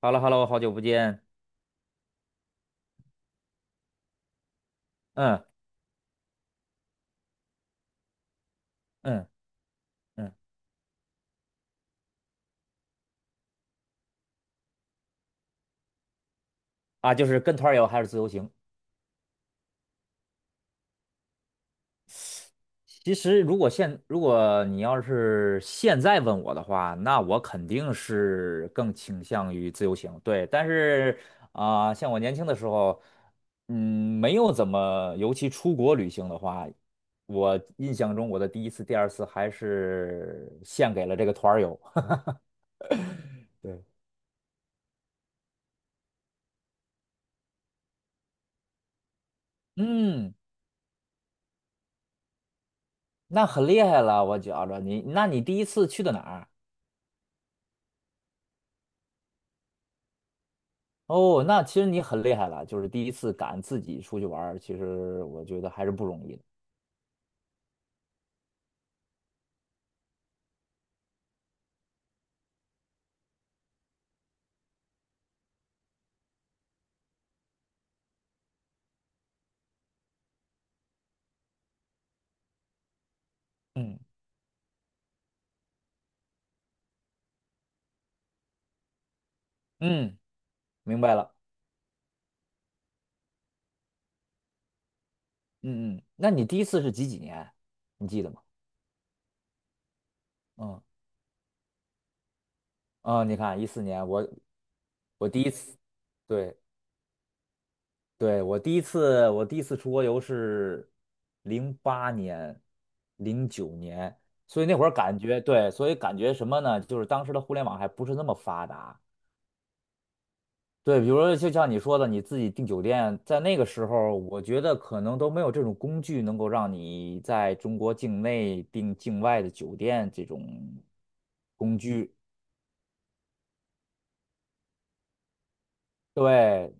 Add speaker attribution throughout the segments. Speaker 1: 哈喽哈喽，好久不见。嗯嗯嗯，啊，就是跟团儿游还是自由行？其实如果你要是现在问我的话，那我肯定是更倾向于自由行。对，但是啊、像我年轻的时候，没有怎么，尤其出国旅行的话，我印象中我的第一次、第二次还是献给了这个团儿游。对，嗯，那很厉害了，我觉着你，那你第一次去的哪儿？哦，那其实你很厉害了，就是第一次敢自己出去玩儿，其实我觉得还是不容易的。嗯嗯，明白了。嗯嗯，那你第一次是几几年？你记得吗？嗯嗯，你看14年，我第一次，对对，我第一次出国游是08年、09年，所以那会儿感觉对，所以感觉什么呢？就是当时的互联网还不是那么发达。对，比如说就像你说的，你自己订酒店，在那个时候，我觉得可能都没有这种工具能够让你在中国境内订境外的酒店这种工具。对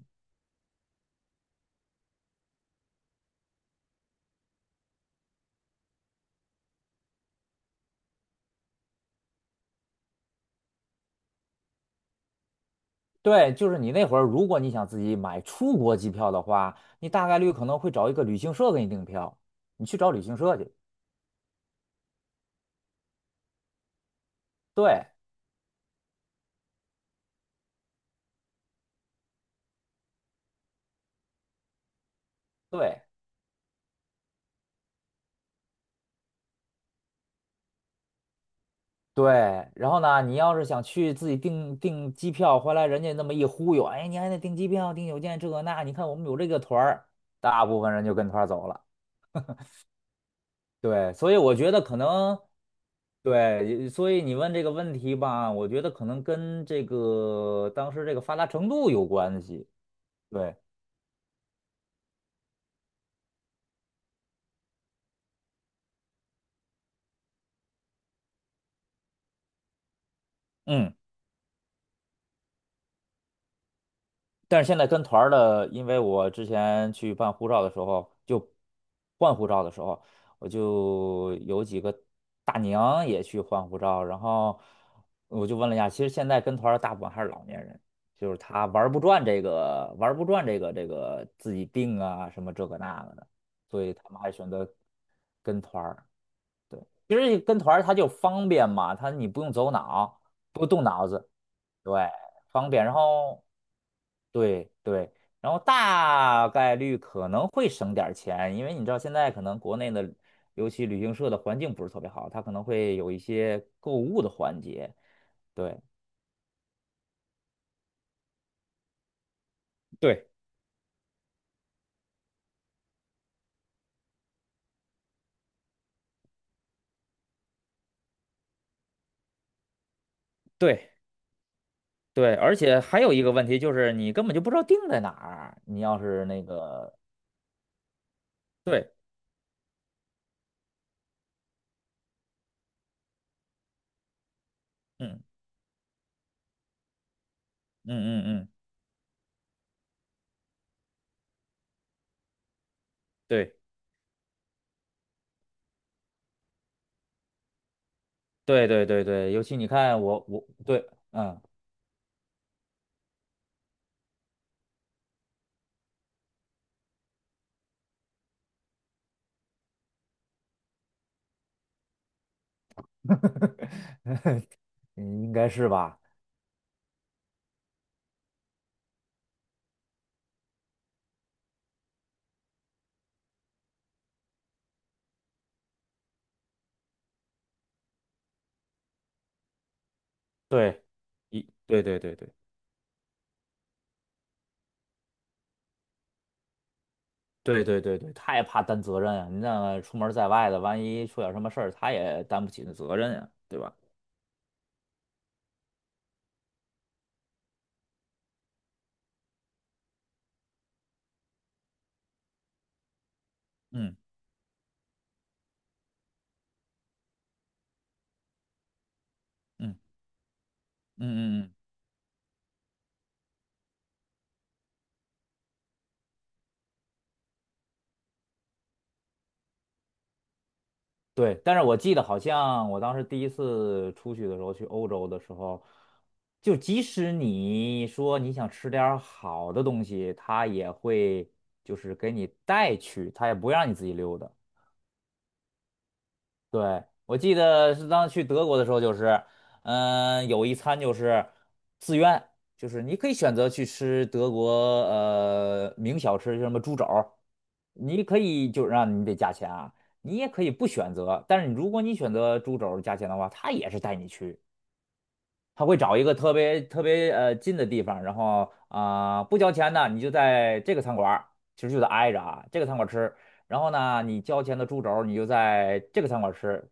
Speaker 1: 对，就是你那会儿，如果你想自己买出国机票的话，你大概率可能会找一个旅行社给你订票，你去找旅行社去。对对，对，然后呢，你要是想去自己订机票，回来人家那么一忽悠，哎，你还得订机票、订酒店这个那，你看我们有这个团儿，大部分人就跟团儿走了。对，所以我觉得可能，对，所以你问这个问题吧，我觉得可能跟这个当时这个发达程度有关系。对，嗯。但是现在跟团儿的，因为我之前去办护照的时候，就换护照的时候，我就有几个大娘也去换护照，然后我就问了一下，其实现在跟团儿的大部分还是老年人，就是他玩儿不转这个，玩儿不转这个自己定啊什么这个那个的，所以他们还选择跟团儿。对，其实跟团儿它就方便嘛，他你不用走脑，不动脑子，对，方便。然后对对，然后大概率可能会省点儿钱，因为你知道现在可能国内的，尤其旅行社的环境不是特别好，它可能会有一些购物的环节。对对对，对，而且还有一个问题就是你根本就不知道定在哪儿，你要是那个，对嗯嗯嗯嗯，对，对对对对，尤其你看我对，嗯，应该是吧？对。一对对对对。对对对对，他也怕担责任啊！你那出门在外的，万一出点什么事儿，他也担不起那责任呀、对吧？嗯嗯嗯嗯嗯，对。但是我记得好像我当时第一次出去的时候，去欧洲的时候，就即使你说你想吃点儿好的东西，他也会就是给你带去，他也不让你自己溜达。对，我记得是当时去德国的时候，就是，有一餐就是自愿，就是你可以选择去吃德国名小吃，就什么猪肘儿，你可以就让你得加钱啊，你也可以不选择，但是如果你选择猪肘儿加钱的话，他也是带你去，他会找一个特别特别近的地方，然后不交钱呢，你就在这个餐馆儿，其实就得挨着啊，这个餐馆儿吃。然后呢，你交钱的猪肘儿，你就在这个餐馆吃；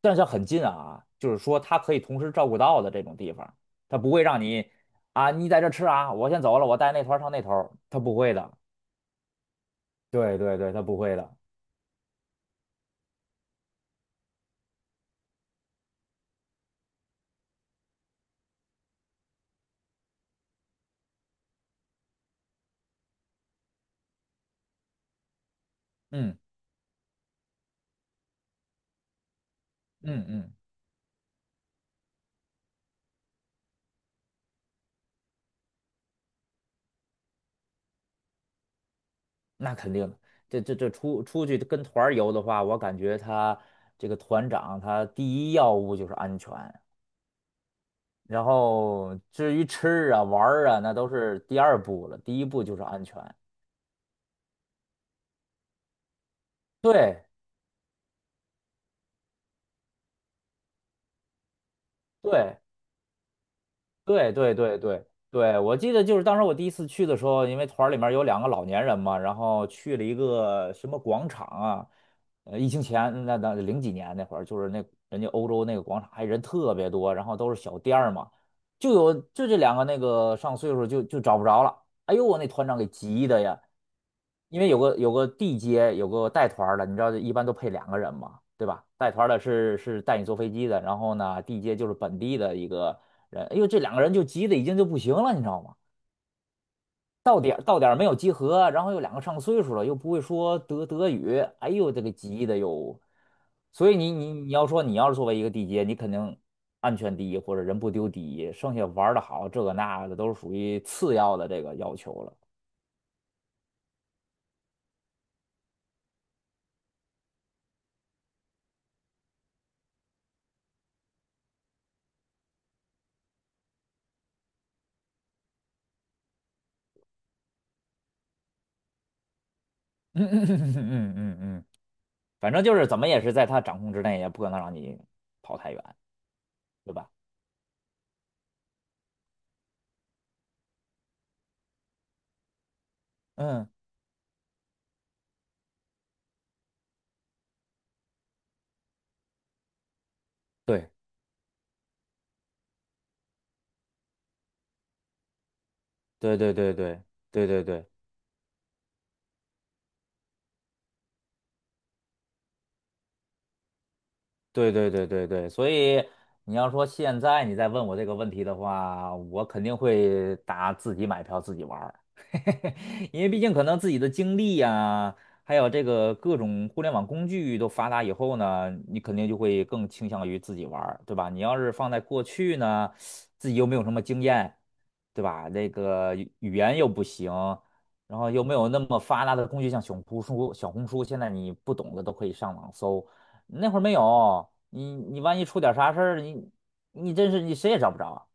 Speaker 1: 但是很近啊，就是说他可以同时照顾到的这种地方，他不会让你啊，你在这吃啊，我先走了，我带那团儿上那头他不会的。对对对，他不会的。嗯嗯嗯，那肯定的。这出去跟团儿游的话，我感觉他这个团长他第一要务就是安全，然后至于吃啊玩儿啊，那都是第二步了，第一步就是安全。对对，对对对对对，我记得就是当时我第一次去的时候，因为团儿里面有两个老年人嘛，然后去了一个什么广场啊，疫情前那零几年那会儿，就是那人家欧洲那个广场还人特别多，然后都是小店儿嘛，就有就这两个那个上岁数就找不着了，哎呦我那团长给急的呀，因为有个地接有个带团儿的，你知道一般都配两个人嘛，对吧？带团儿的是带你坐飞机的，然后呢地接就是本地的一个。人，哎呦，这两个人就急的已经就不行了，你知道吗？到点儿到点儿没有集合，然后又两个上岁数了，又不会说德语，哎呦，这个急的哟。所以你要是作为一个地接，你肯定安全第一或者人不丢第一，剩下玩的好这个那个的都是属于次要的这个要求了。嗯嗯嗯嗯嗯嗯嗯，反正就是怎么也是在他掌控之内，也不可能让你跑太远，对吧？嗯，对对对对对对对对。对对对对对，所以你要说现在你再问我这个问题的话，我肯定会答自己买票自己玩儿，因为毕竟可能自己的经历呀，还有这个各种互联网工具都发达以后呢，你肯定就会更倾向于自己玩儿，对吧？你要是放在过去呢，自己又没有什么经验，对吧？那个语言又不行，然后又没有那么发达的工具，像小红书、小红书，现在你不懂的都可以上网搜。那会儿没有你，你万一出点啥事儿，你真是你谁也找不着。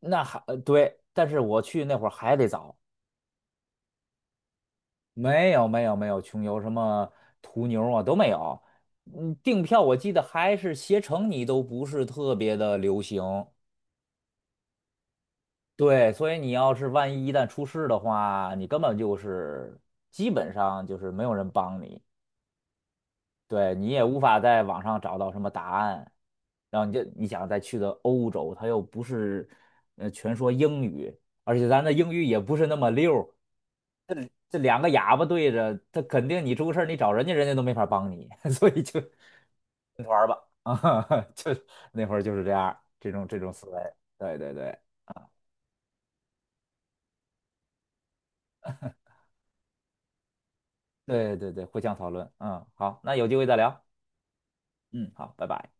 Speaker 1: 那还对，但是我去那会儿还得找，没有没有没有穷游什么途牛啊都没有。嗯，订票我记得还是携程，你都不是特别的流行。对，所以你要是万一一旦出事的话，你根本就是基本上就是没有人帮你。对，你也无法在网上找到什么答案，然后你想再去的欧洲，它又不是，全说英语，而且咱的英语也不是那么溜儿，这两个哑巴对着，他肯定你出个事儿，你找人家都没法帮你，所以就跟团儿吧，啊，就那会儿就是这样儿这种思维，对对对对对对，互相讨论，嗯，好，那有机会再聊，嗯，好，拜拜。